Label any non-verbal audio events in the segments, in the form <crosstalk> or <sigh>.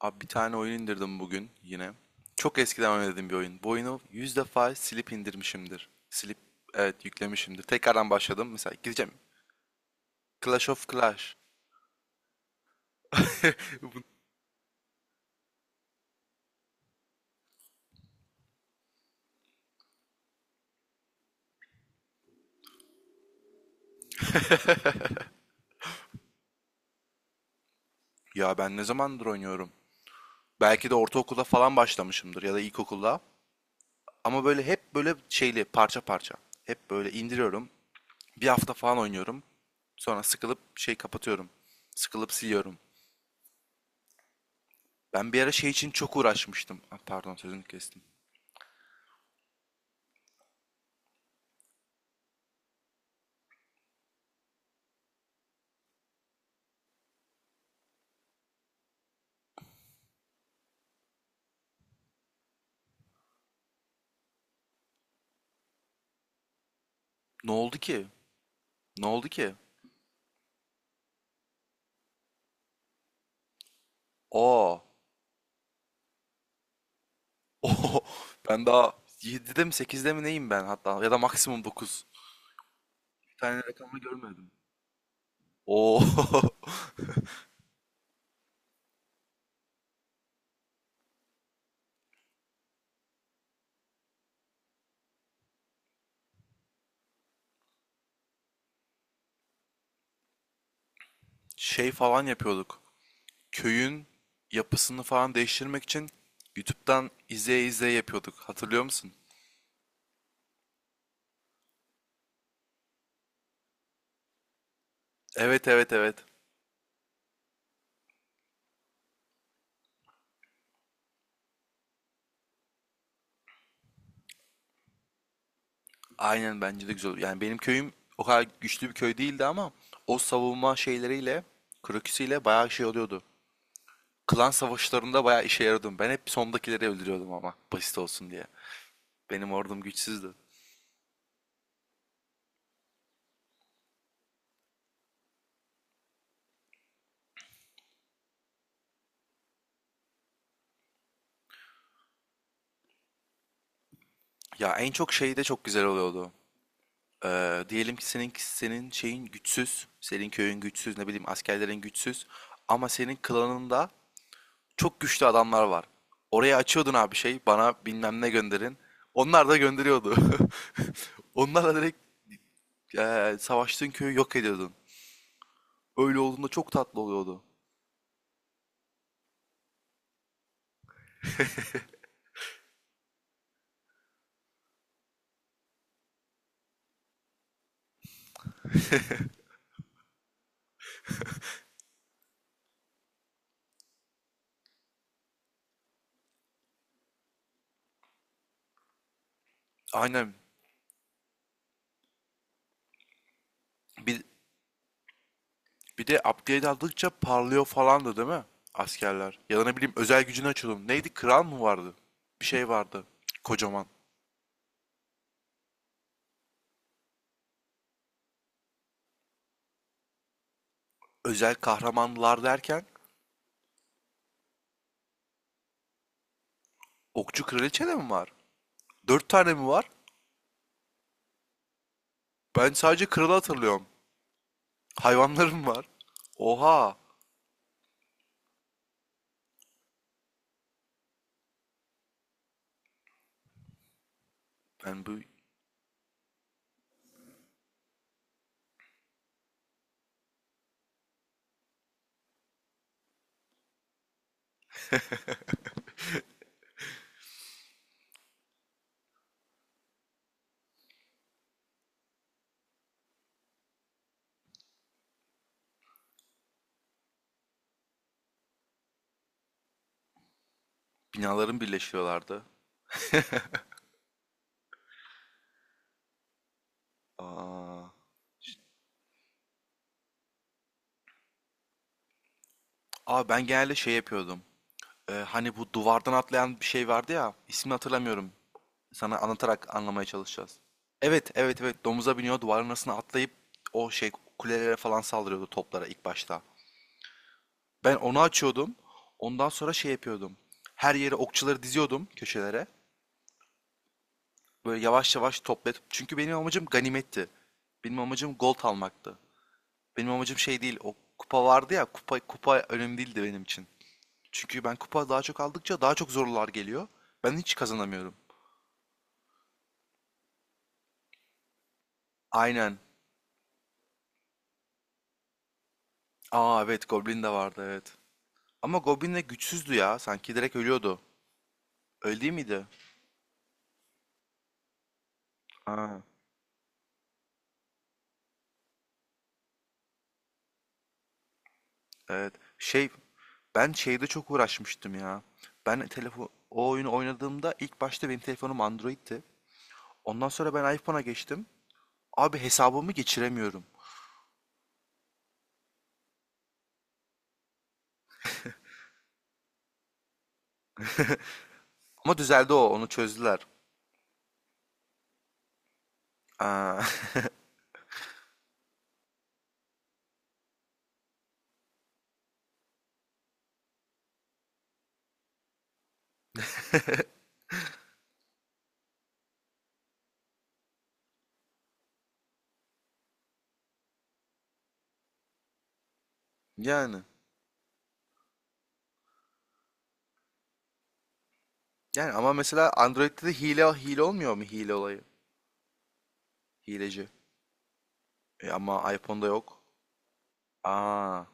Abi bir tane oyun indirdim bugün yine. Çok eskiden oynadığım bir oyun. Bu oyunu 100 defa silip indirmişimdir. Silip evet yüklemişimdir. Tekrardan başladım. Mesela gideceğim. Clash of Clash. <laughs> Bu- Ya ben ne zamandır oynuyorum? Belki de ortaokulda falan başlamışımdır ya da ilkokulda. Ama böyle hep böyle şeyli parça parça. Hep böyle indiriyorum. Bir hafta falan oynuyorum. Sonra sıkılıp şey kapatıyorum. Sıkılıp siliyorum. Ben bir ara şey için çok uğraşmıştım. Ah, pardon sözünü kestim. Ne oldu ki? Ne oldu ki? Oo. Oo. <laughs> Ben daha 7'de mi 8'de mi neyim ben hatta ya da maksimum 9. Bir tane rakamı görmedim. Oo. <laughs> Şey falan yapıyorduk. Köyün yapısını falan değiştirmek için YouTube'dan izleye izleye yapıyorduk. Hatırlıyor musun? Evet evet evet. Aynen bence de güzel olur. Yani benim köyüm o kadar güçlü bir köy değildi ama o savunma şeyleriyle, kroküsüyle bayağı şey oluyordu. Klan savaşlarında bayağı işe yarıyordum. Ben hep sondakileri öldürüyordum ama basit olsun diye. Benim ordum güçsüzdü. Ya en çok şey de çok güzel oluyordu. Diyelim ki senin şeyin güçsüz, senin köyün güçsüz, ne bileyim askerlerin güçsüz ama senin klanında çok güçlü adamlar var. Oraya açıyordun abi şey, bana bilmem ne gönderin. Onlar da gönderiyordu. <laughs> Onlarla direkt savaştığın köyü yok ediyordun. Öyle olduğunda çok tatlı oluyordu. Aynen. Bir Bir de upgrade aldıkça parlıyor falandı değil mi? Askerler. Ya da ne bileyim özel gücünü açıyordum. Neydi? Kral mı vardı? Bir şey vardı. Kocaman. Özel kahramanlar derken okçu kraliçe de mi var? Dört tane mi var? Ben sadece kralı hatırlıyorum. Hayvanlarım var. Oha. Ben bu binaların birleşiyorlardı. Aa. Aa ben genelde şey yapıyordum. Hani bu duvardan atlayan bir şey vardı ya. İsmini hatırlamıyorum. Sana anlatarak anlamaya çalışacağız. Evet, evet, evet. Domuza biniyor, duvarın arasına atlayıp o şey kulelere falan saldırıyordu toplara ilk başta. Ben onu açıyordum. Ondan sonra şey yapıyordum. Her yere okçuları diziyordum köşelere. Böyle yavaş yavaş toplayıp. Çünkü benim amacım ganimetti. Benim amacım gold almaktı. Benim amacım şey değil. O kupa vardı ya. Kupa kupa önemli değildi benim için. Çünkü ben kupa daha çok aldıkça daha çok zorlular geliyor. Ben hiç kazanamıyorum. Aynen. Aa evet Goblin de vardı evet. Ama Goblin de güçsüzdü ya. Sanki direkt ölüyordu. Öyle değil miydi? Ha, evet. Şey, ben şeyde çok uğraşmıştım ya. Ben telefon o oyunu oynadığımda ilk başta benim telefonum Android'ti. Ondan sonra ben iPhone'a geçtim. Abi hesabımı geçiremiyorum. Ama düzeldi onu çözdüler. Aa, <laughs> yani. Yani ama mesela Android'de de hile hile olmuyor mu hile olayı? Hileci. E ama iPhone'da yok. Aa,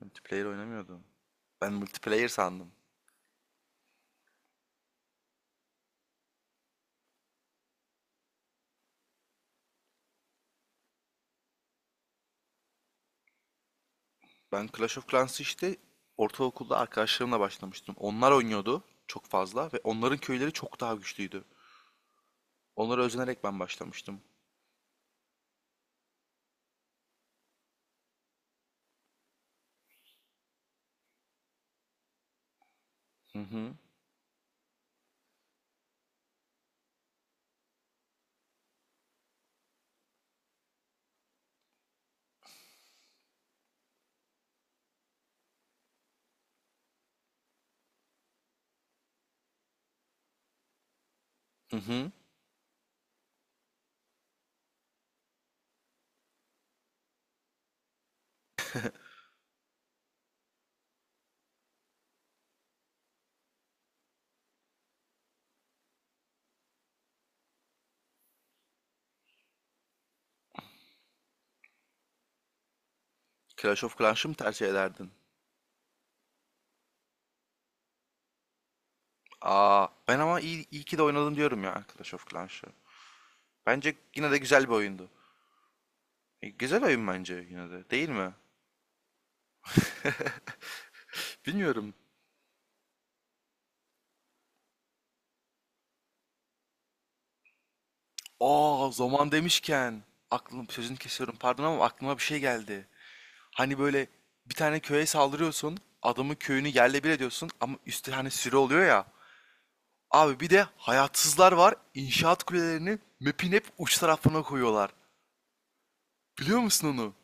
multiplayer oynamıyordum. Ben multiplayer sandım. Ben Clash of Clans'ı işte ortaokulda arkadaşlarımla başlamıştım. Onlar oynuyordu çok fazla ve onların köyleri çok daha güçlüydü. Onlara özenerek ben başlamıştım. Hı hı. Hı hı. Clash of Clans'ı mı tercih ederdin? Aa, ben ama iyi ki de oynadım diyorum ya Clash of Clans'ı. Bence yine de güzel bir oyundu. E, güzel oyun bence yine de, değil mi? Bilmiyorum. Aa, zaman demişken aklım sözünü kesiyorum pardon ama aklıma bir şey geldi. Hani böyle bir tane köye saldırıyorsun, adamın köyünü yerle bir ediyorsun ama üstü hani sürü oluyor ya. Abi bir de hayatsızlar var, inşaat kulelerini map'in hep uç tarafına koyuyorlar. Biliyor musun onu?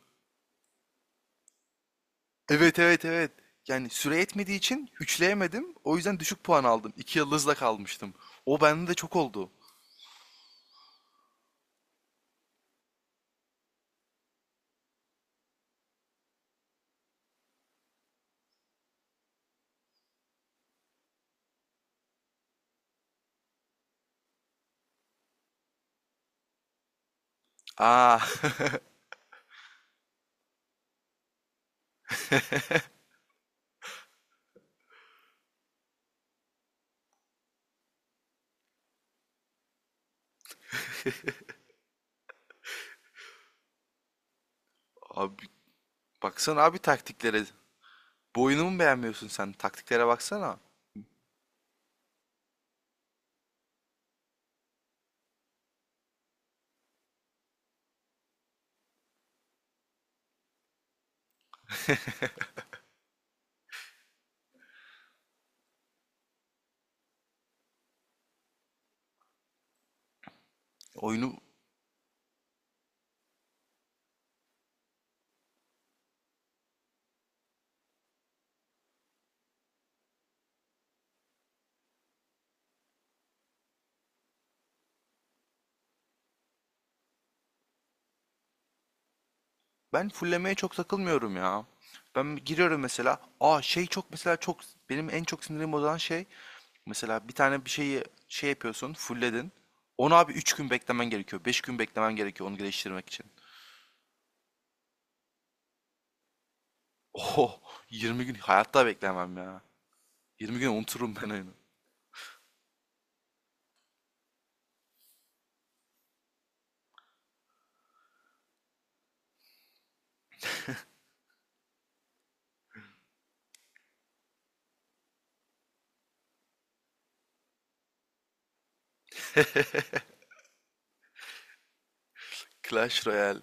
Evet evet evet. Yani süre etmediği için üçleyemedim. O yüzden düşük puan aldım. İki yıldızla kalmıştım. O bende de çok oldu. Aa. <laughs> Abi baksana abi taktiklere. Bu oyunu mu beğenmiyorsun sen? Taktiklere baksana. Oyunu Ben fullemeye çok takılmıyorum ya. Ben giriyorum mesela. Aa şey çok mesela çok benim en çok sinirim bozan şey mesela bir tane bir şeyi şey yapıyorsun, fullledin. Onu abi 3 gün beklemen gerekiyor. 5 gün beklemen gerekiyor onu geliştirmek için. Oho 20 gün hayatta beklemem ya. 20 gün unuturum ben oyunu. Clash Royale.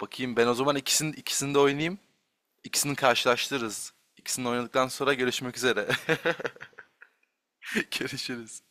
Bakayım ben o zaman ikisini de oynayayım. İkisini karşılaştırırız. İkisini oynadıktan sonra görüşmek üzere. <laughs> Görüşürüz.